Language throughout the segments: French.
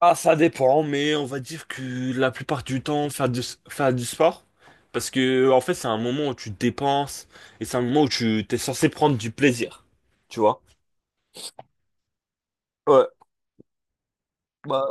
Ah, ça dépend, mais on va dire que la plupart du temps, faire du sport, parce que en fait, c'est un moment où tu te dépenses et c'est un moment où tu t'es censé prendre du plaisir, tu vois. Ouais, bah,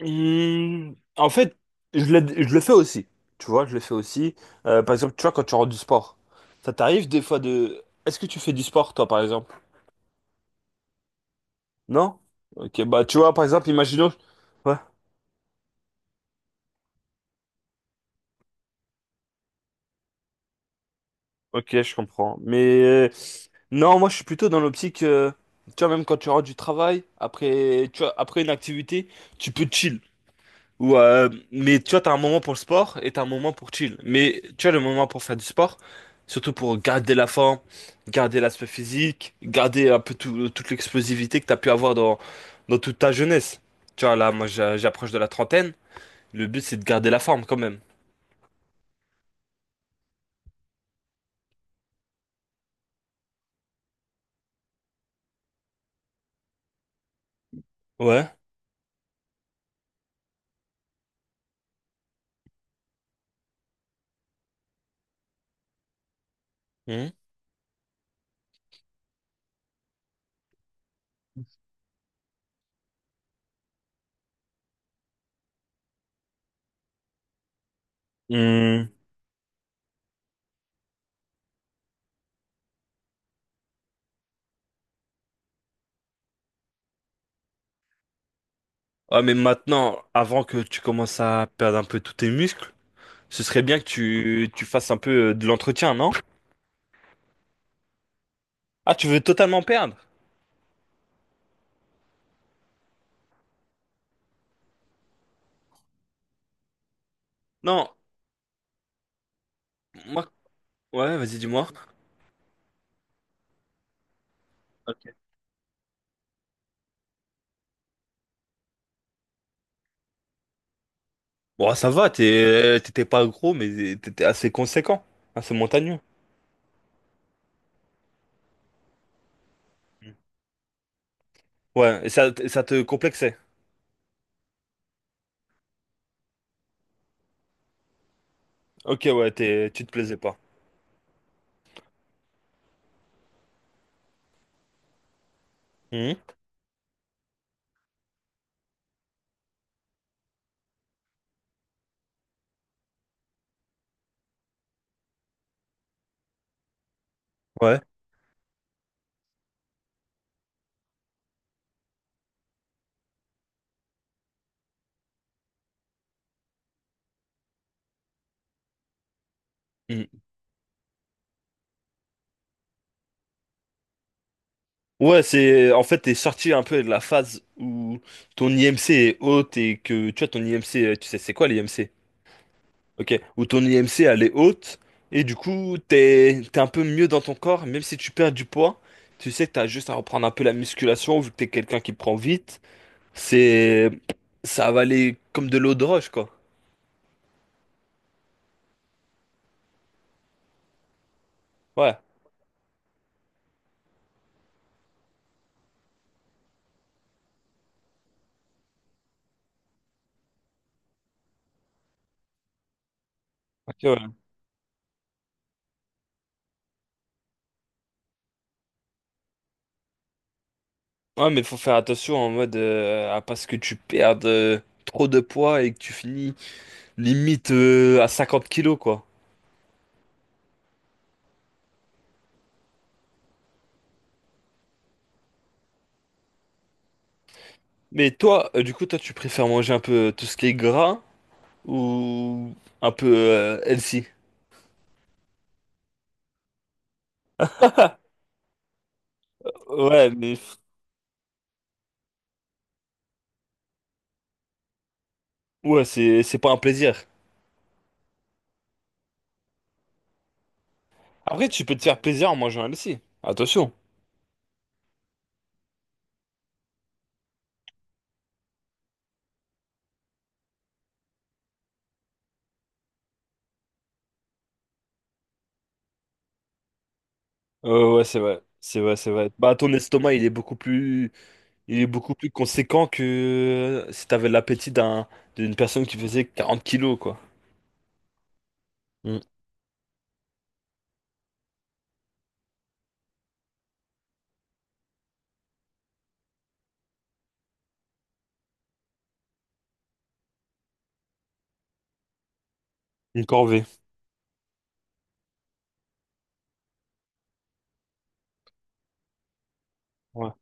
en fait, je le fais aussi, tu vois, je le fais aussi. Par exemple, tu vois, quand tu rentres du sport, ça t'arrive des fois de... Est-ce que tu fais du sport, toi, par exemple? Non? Ok, bah, tu vois, par exemple, imaginons... Ouais, ok, je comprends. Mais non, moi je suis plutôt dans l'optique, tu vois, même quand tu rentres du travail, après, tu vois, après une activité, tu peux chill. Mais tu vois, t'as un moment pour le sport et t'as un moment pour chill. Mais tu as le moment pour faire du sport, surtout pour garder la forme, garder l'aspect physique, garder un peu toute l'explosivité que t'as pu avoir dans toute ta jeunesse. Tu vois, là, moi j'approche de la trentaine, le but c'est de garder la forme quand même. Ouais. Mhm. Hmm. Ah, mais maintenant, avant que tu commences à perdre un peu tous tes muscles, ce serait bien que tu fasses un peu de l'entretien, non? Ah, tu veux totalement perdre? Non, moi... Ouais, vas-y, dis-moi. Ok. Bon, ça va, t'étais pas gros, mais t'étais assez conséquent, assez montagneux. Ouais, et ça te complexait. Ok, ouais, t'es, tu te plaisais pas. Mhm. Ouais. Mhm. Ouais, c'est... En fait, t'es sorti un peu de la phase où ton IMC est haute et que, tu vois, ton IMC, tu sais, c'est quoi l'IMC? Ok, où ton IMC elle est haute et du coup t'es un peu mieux dans ton corps, même si tu perds du poids, tu sais que t'as juste à reprendre un peu la musculation vu que t'es quelqu'un qui prend vite, c'est ça va aller comme de l'eau de roche quoi. Ouais. Ok, ouais. Ouais, mais faut faire attention en mode à pas ce que tu perdes trop de poids et que tu finis limite à 50 kilos quoi. Mais toi, du coup toi tu préfères manger un peu tout ce qui est gras ou un peu healthy? Ouais, mais ouais, c'est pas un plaisir. Après, tu peux te faire plaisir en mangeant un aussi. Attention. Ouais, c'est vrai. C'est vrai, c'est vrai. Bah, ton estomac, il est beaucoup plus conséquent que si t'avais l'appétit d'une personne qui faisait 40 kilos, quoi. Mm. Une corvée. Ouais.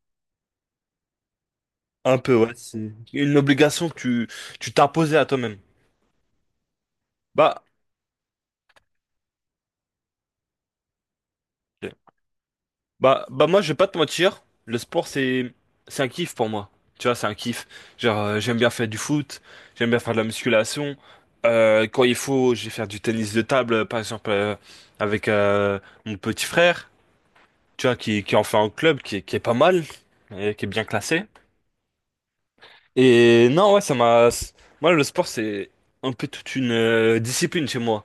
Un peu, ouais. C'est une obligation que tu t'imposais à toi-même. Bah, bah moi, je vais pas te mentir, le sport, c'est un kiff pour moi. Tu vois, c'est un kiff. Genre, j'aime bien faire du foot, j'aime bien faire de la musculation. Quand il faut, je vais faire du tennis de table, par exemple, avec mon petit frère, tu vois, qui en fait un club, qui est pas mal, et qui est bien classé. Et non, ouais, ça m'a... Moi, le sport, c'est un peu toute une discipline chez moi.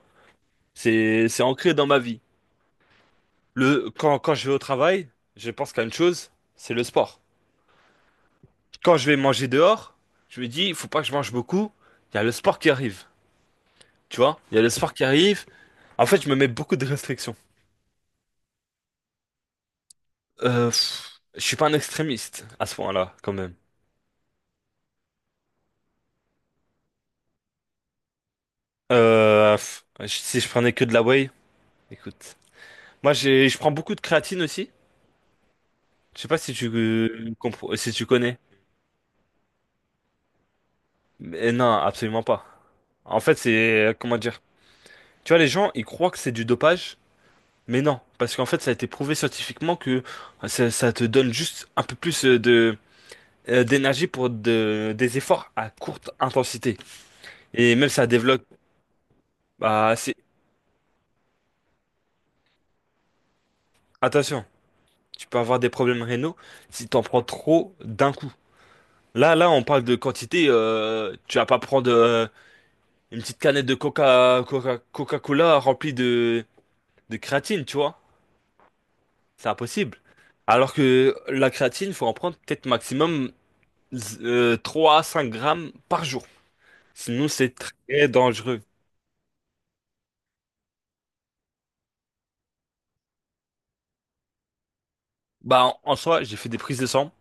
C'est ancré dans ma vie. Quand je vais au travail, je pense qu'à une chose, c'est le sport. Quand je vais manger dehors, je me dis, il faut pas que je mange beaucoup. Il y a le sport qui arrive, tu vois. Il y a le sport qui arrive. En fait, je me mets beaucoup de restrictions. Je suis pas un extrémiste à ce point-là, quand même. Si je prenais que de la whey, écoute. Moi, je prends beaucoup de créatine aussi. Je sais pas si tu si tu connais. Mais non, absolument pas. En fait, c'est, comment dire? Tu vois, les gens, ils croient que c'est du dopage, mais non. Parce qu'en fait, ça a été prouvé scientifiquement que ça te donne juste un peu plus d'énergie pour des efforts à courte intensité. Et même ça développe. Bah, c'est... Attention, tu peux avoir des problèmes rénaux si t'en prends trop d'un coup. Là, on parle de quantité. Tu vas pas prendre une petite canette de Coca-Cola remplie de créatine, tu vois. C'est impossible. Alors que la créatine, faut en prendre peut-être maximum 3 à 5 grammes par jour. Sinon, c'est très dangereux. Bah, en en soi, j'ai fait des prises de sang.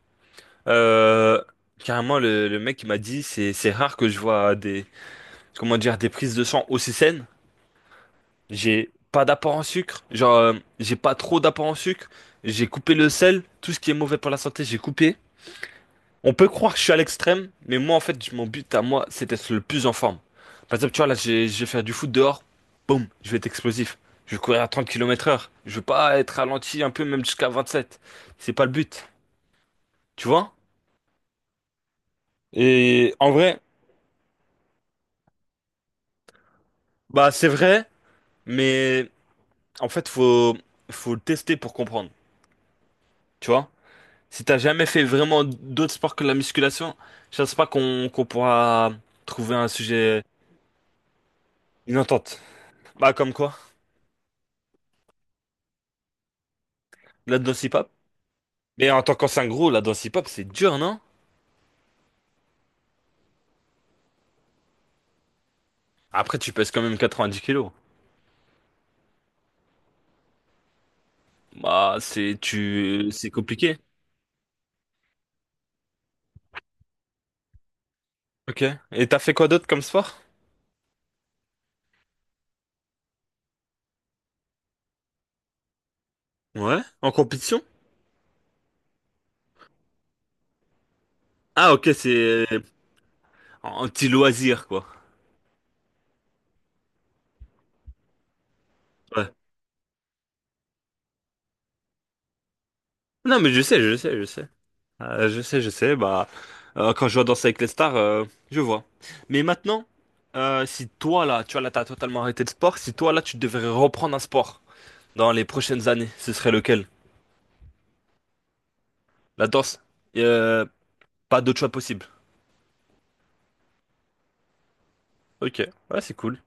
Euh, Carrément, le mec il m'a dit, c'est rare que je vois des comment dire des prises de sang aussi saines. J'ai pas d'apport en sucre, genre j'ai pas trop d'apport en sucre. J'ai coupé le sel, tout ce qui est mauvais pour la santé, j'ai coupé. On peut croire que je suis à l'extrême, mais moi en fait, mon but à moi, c'est d'être le plus en forme. Par exemple, tu vois là, je vais faire du foot dehors, boum, je vais être explosif. Je vais courir à 30 kilomètres heure. Je veux pas être ralenti un peu, même jusqu'à 27. C'est pas le but, tu vois? Et en vrai, bah c'est vrai. Mais en fait, faut le tester pour comprendre. Tu vois? Si t'as jamais fait vraiment d'autres sports que la musculation, je pense pas qu'on pourra trouver un sujet, une entente. Bah, comme quoi? La danse hip-hop? Mais en tant qu'ancien gros, la danse hip-hop, c'est dur, non? Après, tu pèses quand même 90 kilos. Bah, c'est, tu, c'est compliqué. Ok. Et t'as fait quoi d'autre comme sport? Ouais. En compétition? Ah, ok, c'est euh, un petit loisir, quoi. Ouais. Non, mais je sais, je sais, je sais. Je sais, je sais. Bah, quand je vois Danser avec les stars, je vois. Mais maintenant, si toi là, tu vois là, t'as totalement arrêté le sport. Si toi là, tu devrais reprendre un sport dans les prochaines années, ce serait lequel? La danse. Euh, Pas d'autre choix possible. Ok, ouais, c'est cool.